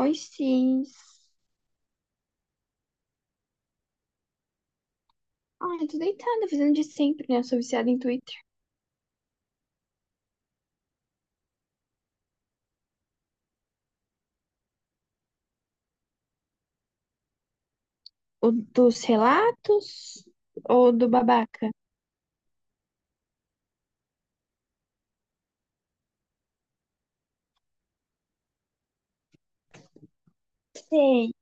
Oi, Cis. Ai, tô deitada, fazendo de sempre, né? Eu sou viciada em Twitter. O dos relatos ou do babaca? Sei,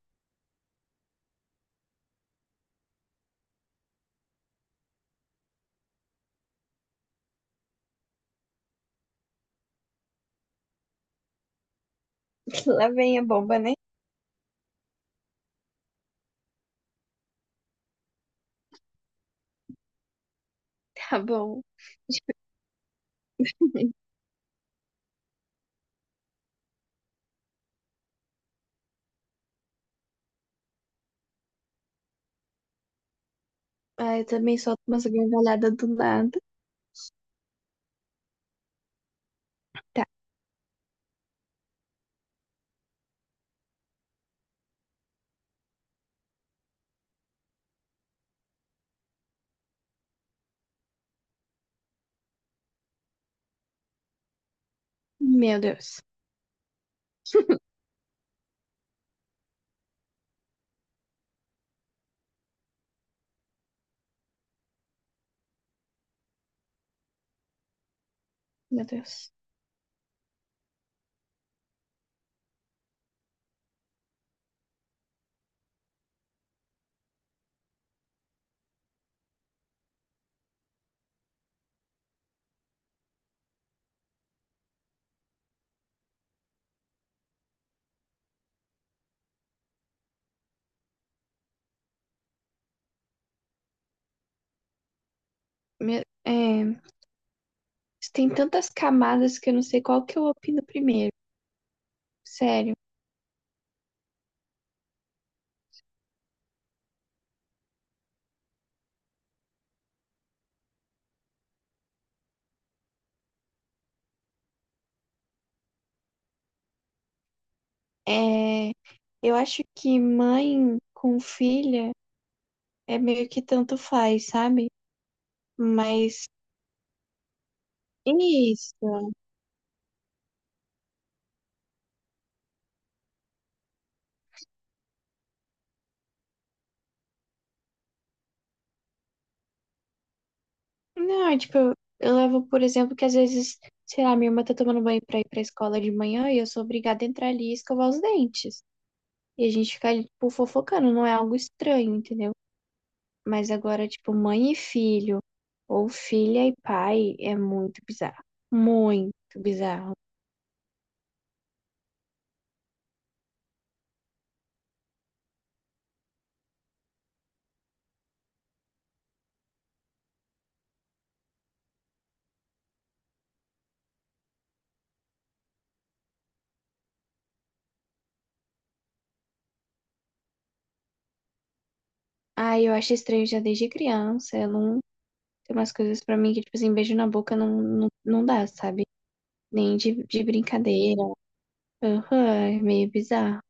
lá vem a bomba, né? Tá bom. Ai, eu também solto umas gargalhadas do nada. Tá. Meu Deus. Meu Deus. Meu... É... isso tem tantas camadas que eu não sei qual que eu opino primeiro. Sério. É... Eu acho que mãe com filha é meio que tanto faz, sabe? Mas Isso. Não, é tipo, eu levo, por exemplo, que às vezes, sei lá, minha irmã tá tomando banho pra ir pra escola de manhã e eu sou obrigada a entrar ali e escovar os dentes. E a gente fica ali, tipo, fofocando, não é algo estranho, entendeu? Mas agora, tipo, mãe e filho, ou filha e pai, é muito bizarro. Muito bizarro. Ah, eu acho estranho já desde criança. Eu não. Tem umas coisas pra mim que, tipo assim, beijo na boca não dá, sabe? Nem de brincadeira. Aham, é meio bizarro.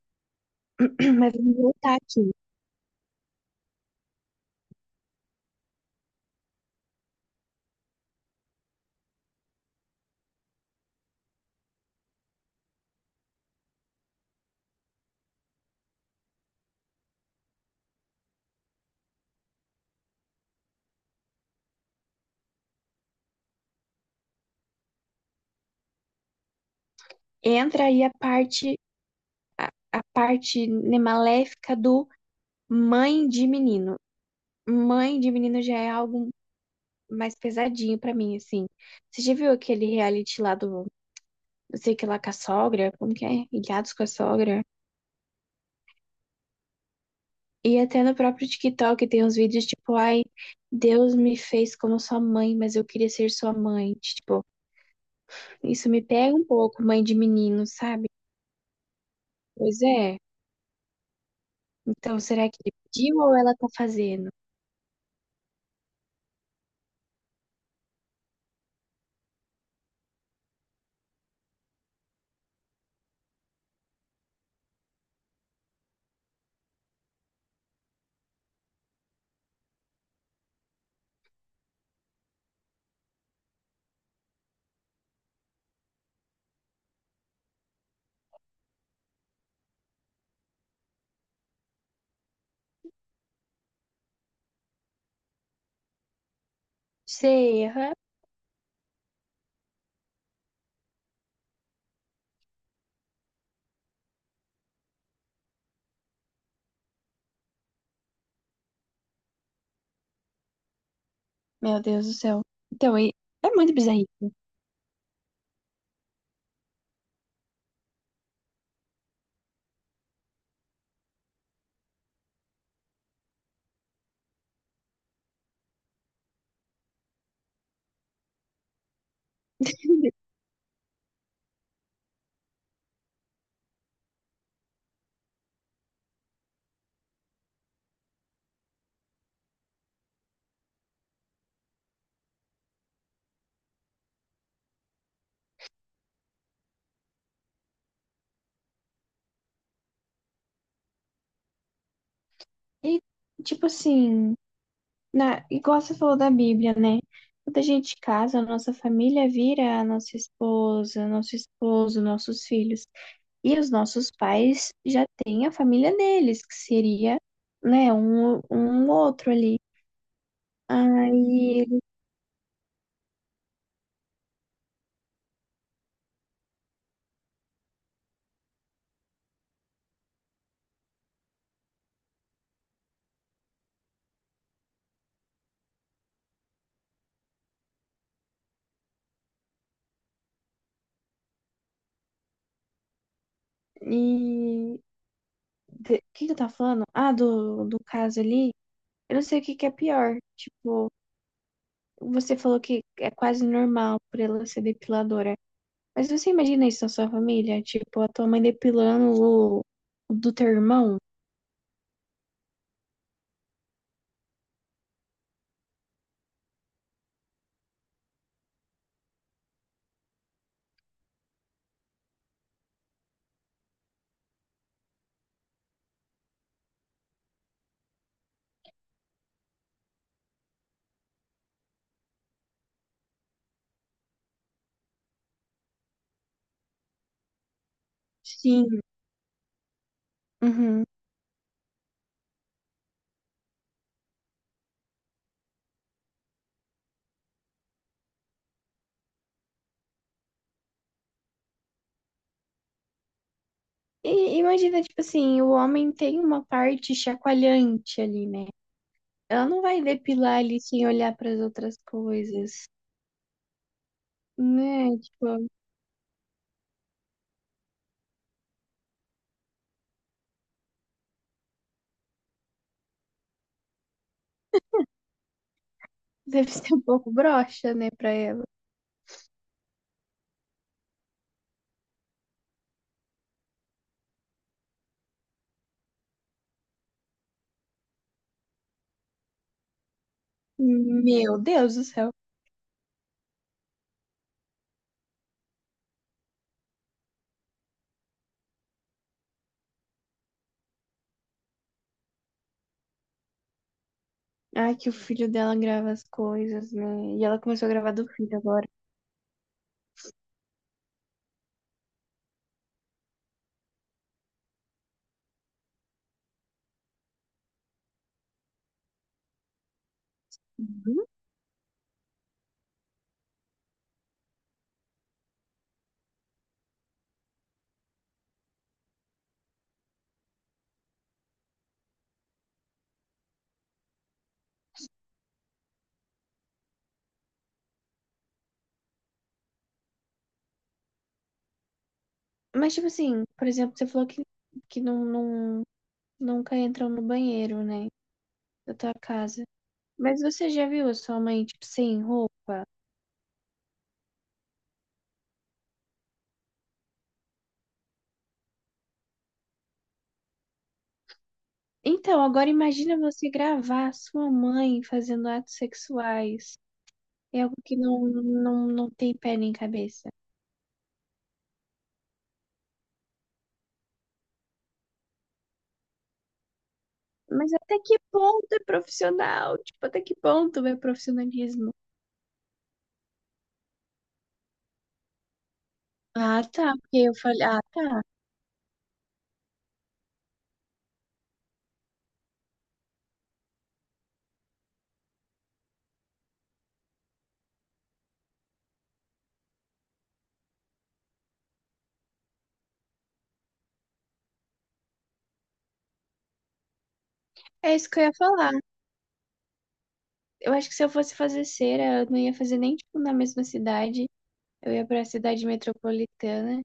Mas vamos voltar aqui. Entra aí a parte, né, maléfica do mãe de menino. Mãe de menino já é algo mais pesadinho pra mim, assim. Você já viu aquele reality lá do, não sei o que lá, com a sogra? Como que é? Ilhados com a sogra? E até no próprio TikTok tem uns vídeos tipo, ai, Deus me fez como sua mãe, mas eu queria ser sua mãe. Tipo, isso me pega um pouco, mãe de menino, sabe? Pois é. Então, será que ele pediu ou ela tá fazendo? Sei, aham. Meu Deus do céu. Então, e é muito bizarro. E, tipo assim, igual você falou da Bíblia, né? Quando a gente casa, a nossa família vira a nossa esposa, nosso esposo, nossos filhos. E os nossos pais já têm a família deles, que seria, né, um outro ali. Aí, e... O que que eu tava falando? Ah, do caso ali. Eu não sei o que que é pior. Tipo, você falou que é quase normal por ela ser depiladora. Mas você imagina isso na sua família? Tipo, a tua mãe depilando o do teu irmão? Sim, uhum. E imagina, tipo assim, o homem tem uma parte chacoalhante ali, né? Ela não vai depilar ali sem olhar para as outras coisas, né? Tipo, deve ser um pouco broxa, né, pra ela. Meu Deus do céu. Ai, que o filho dela grava as coisas, né? E ela começou a gravar do filho agora. Mas, tipo assim, por exemplo, você falou que nunca entram no banheiro, né? Da tua casa. Mas você já viu a sua mãe, tipo, sem roupa? Então, agora imagina você gravar a sua mãe fazendo atos sexuais. É algo que não tem pé nem cabeça. Mas até que ponto é profissional? Tipo, até que ponto é profissionalismo? Ah, tá. Porque eu falei, ah, tá. É isso que eu ia falar. Eu acho que se eu fosse fazer cera, eu não ia fazer nem, tipo, na mesma cidade. Eu ia pra cidade metropolitana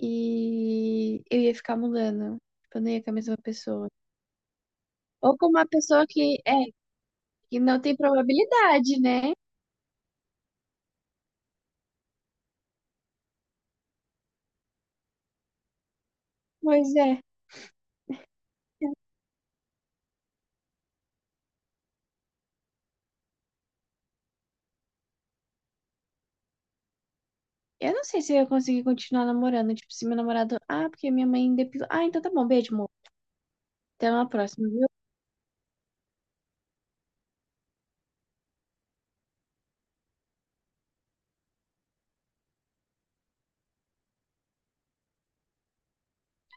e eu ia ficar mudando. Tipo, eu não ia com a mesma pessoa. Ou com uma pessoa que não tem probabilidade, né? Pois é. Eu não sei se eu ia conseguir continuar namorando. Tipo, se meu namorado. Ah, porque minha mãe depilou. Ah, então tá bom. Beijo, amor. Até uma próxima, viu?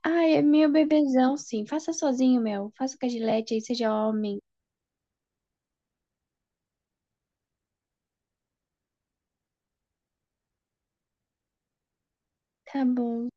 Ah, é meu bebezão, sim. Faça sozinho, meu. Faça com a Gillette aí, seja homem. Tá bom.